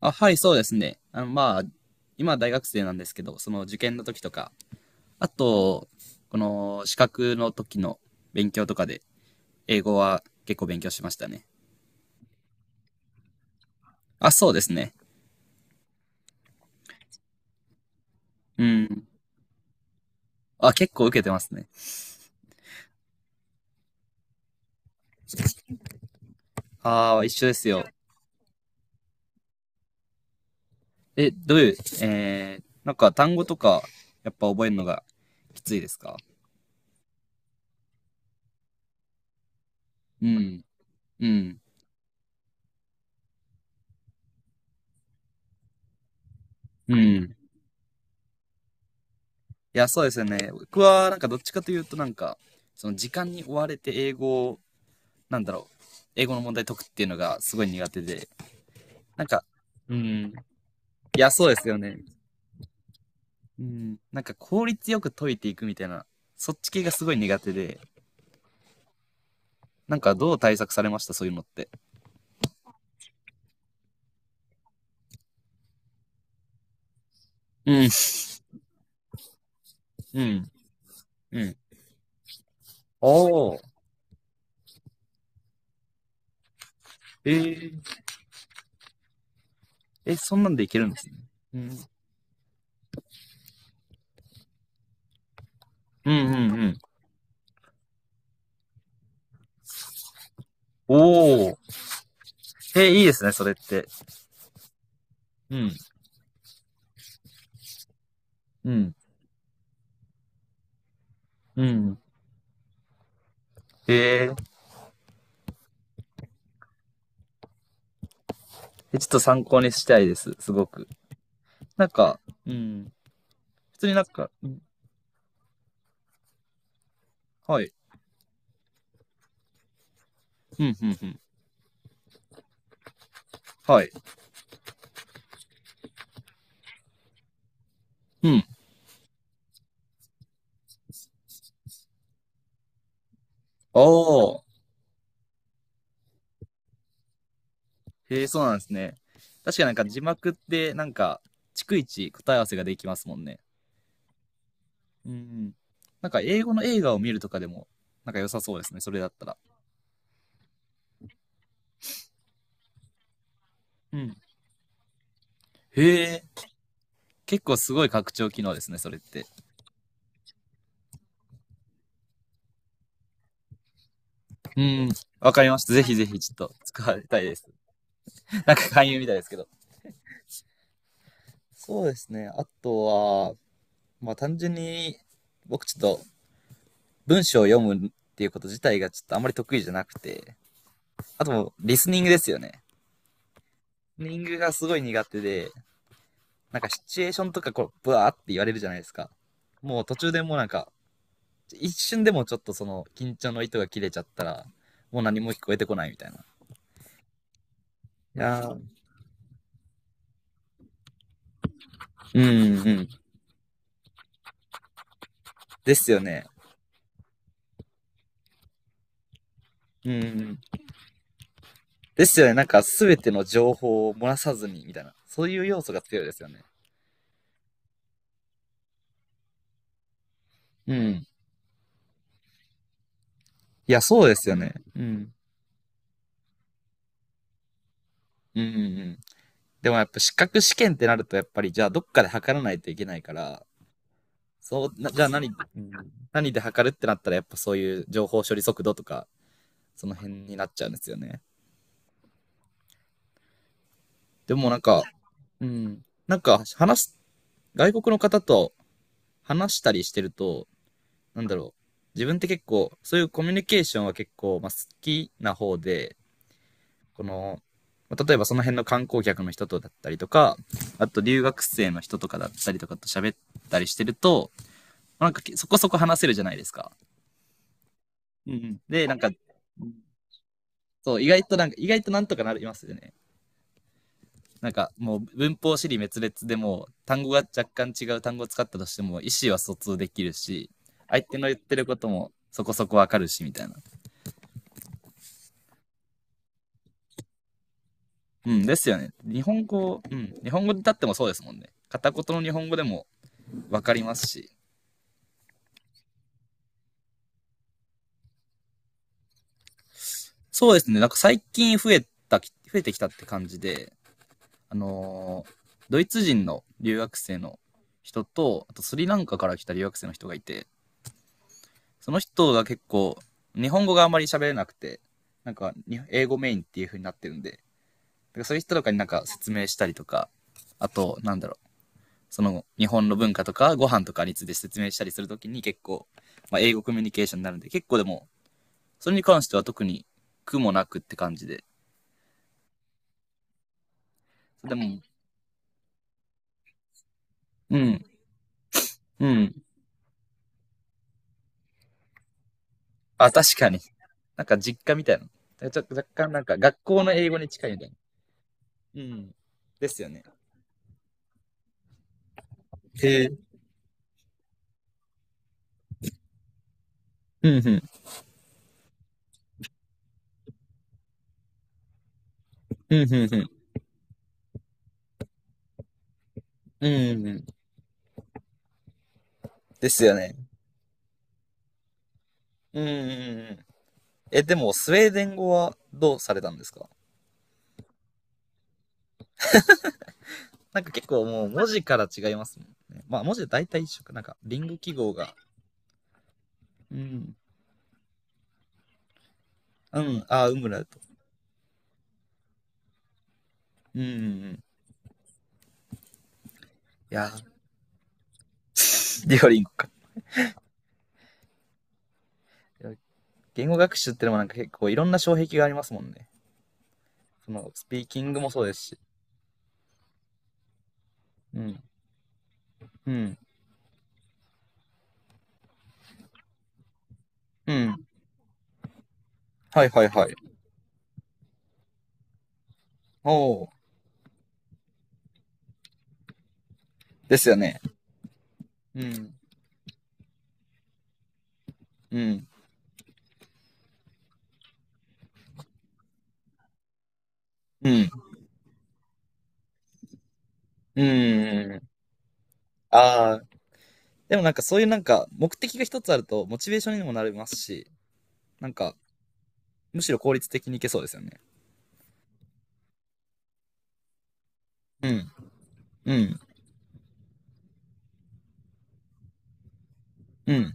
あ、はい、そうですね。今は大学生なんですけど、その受験の時とか、あと、この資格の時の勉強とかで、英語は結構勉強しましたね。あ、そうですね。うん。あ、結構受けてますね。ああ、一緒ですよ。え、どういう、えー、なんか単語とか、やっぱ覚えるのがきついですか？うん、うん、うん。いや、そうですよね。僕は、なんかどっちかというと、その時間に追われて英語をなんだろう、英語の問題解くっていうのがすごい苦手で、なんか、うん。いや、そうですよね。うん、なんか効率よく解いていくみたいな、そっち系がすごい苦手で、なんかどう対策されましたそういうのって？うん。うん。うん。おー。えー。え、そんなんでいけるんですね。うん。うんうんうん。おー。え、いいですね、それって。うん。うん。うん。えー、え、ちょっと参考にしたいです、すごく。なんか、うん。普通になんか、うん。はい。うんうんうん。はい。うん。おー。へえ、そうなんですね。確かなんか字幕って、なんか、逐一答え合わせができますもんね。うん。なんか英語の映画を見るとかでも、なんか良さそうですね、それだったら。うん。へえ。結構すごい拡張機能ですね、それって。うん。わかりました。ぜひぜひちょっと使いたいです。なんか勧誘みたいですけど。そうですね。あとは、単純に僕ちょっと文章を読むっていうこと自体がちょっとあんまり得意じゃなくて、あともうリスニングですよね。ニングがすごい苦手で、なんかシチュエーションとかこう、ブワーって言われるじゃないですか。もう途中でもうなんか、一瞬でもちょっとその緊張の糸が切れちゃったら、もう何も聞こえてこないみたいな。いやー、うんうん。ですよね。うんうん。ですよね。なんか全ての情報を漏らさずにみたいな。そういう要素が強いですよね。うん。いや、そうですよね。うん。うんうんうん。でもやっぱ資格試験ってなるとやっぱりじゃあどっかで測らないといけないから、そう、なじゃあ何、うん、何で測るってなったらやっぱそういう情報処理速度とか、その辺になっちゃうんですよね。でもなんか、うん、なんか話す、外国の方と話したりしてると、なんだろう、自分って結構、そういうコミュニケーションは結構、まあ、好きな方で、この、まあ例えばその辺の観光客の人とだったりとか、あと留学生の人とかだったりとかと喋ったりしてると、まあなんかそこそこ話せるじゃないですか。うんうん。で、なんか、そう、意外となんか、意外となんとかなりますよね。なんか、もう文法り滅裂でも、単語が若干違う単語を使ったとしても、意思は疎通できるし、相手の言ってることもそこそこわかるし、みたいな。うん、ですよね。日本語、うん、日本語で立ってもそうですもんね。片言の日本語でもわかりますし。そうですね。なんか最近増えてきたって感じで、あのードイツ人の留学生の人と、あとスリランカから来た留学生の人がいて、その人が結構、日本語があんまり喋れなくて、なんか、英語メインっていう風になってるんで、だからそういう人とかになんか説明したりとか、あと、その日本の文化とかご飯とかについて説明したりするときに結構、まあ、英語コミュニケーションになるんで、結構でも、それに関しては特に苦もなくって感じで。でも、うん、うん。あ、確かに。なんか実家みたいな。だからちょっと若干なんか学校の英語に近いみたいな。うん。ですよね。へえ。うんうん。うんうんうん。うんうん。ですよね。うんうんうん。え、でも、スウェーデン語はどうされたんですか？なんか結構もう文字から違いますもんね。まあ文字は大体一緒か。なんか、リング記号が。うん。うん、ああ、ウムラウト。うんうんうん。いやー、デュオリンゴか。いや、言語学習ってのもなんか結構いろんな障壁がありますもんね。その、スピーキングもそうですし。うん。うん。うん。はいはいはい。おお。ですよね。うん。うん。うん。うん。うん。ああ、でもなんかそういうなんか目的が一つあるとモチベーションにもなりますし、なんかむしろ効率的にいけそうですよね。うん、うん、うん。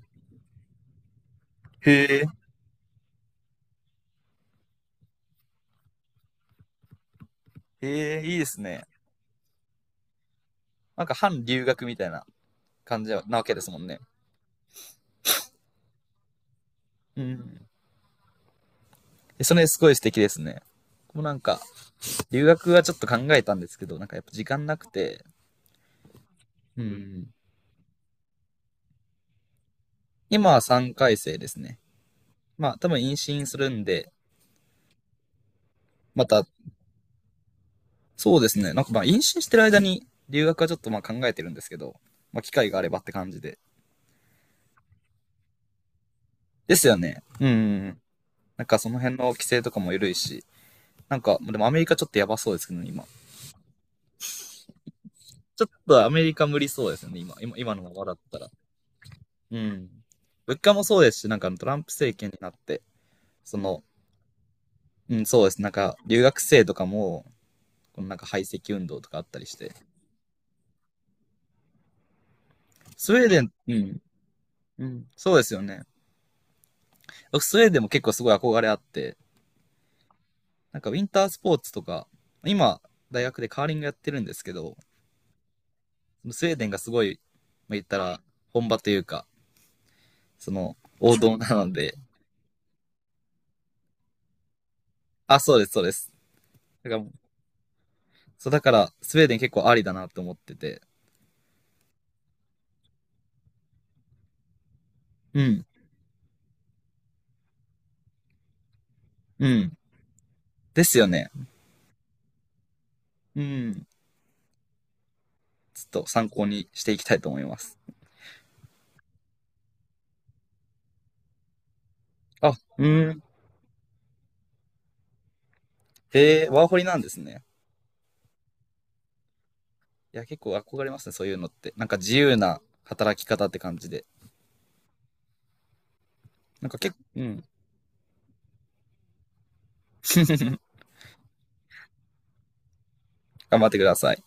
へえ、へえ、いいですね。なんか反留学みたいな感じなわけですもんね。うん。でそれすごい素敵ですね。もうなんか留学はちょっと考えたんですけど、なんかやっぱ時間なくて、うん。今は3回生ですね。まあ多分妊娠するんで、また、そうですね。なんかまあ妊娠してる間に留学はちょっとまあ考えてるんですけど、まあ機会があればって感じで。ですよね。うんうん、なんかその辺の規制とかも緩いし、なんか、でもアメリカちょっとやばそうですけどね、今。ちょっとアメリカ無理そうですよね、今。今のままだったら。うん。物価もそうですし、なんかトランプ政権になって、その、うん、そうです。なんか、留学生とかも、このなんか排斥運動とかあったりして。スウェーデン、うん、うん。そうですよね。僕、スウェーデンも結構すごい憧れあって、なんかウィンタースポーツとか、今、大学でカーリングやってるんですけど、スウェーデンがすごい、まあ、言ったら、本場というか、その、王道なので、あ、そうです、そうです。だから、そう、だから、スウェーデン結構ありだなと思ってて、うん、うん。ですよね。うん。ちょっと参考にしていきたいと思います。あ、うん。へえ、ワーホリなんですね。いや、結構憧れますね、そういうのって。なんか自由な働き方って感じで。なんか結構、うん。頑張ってください。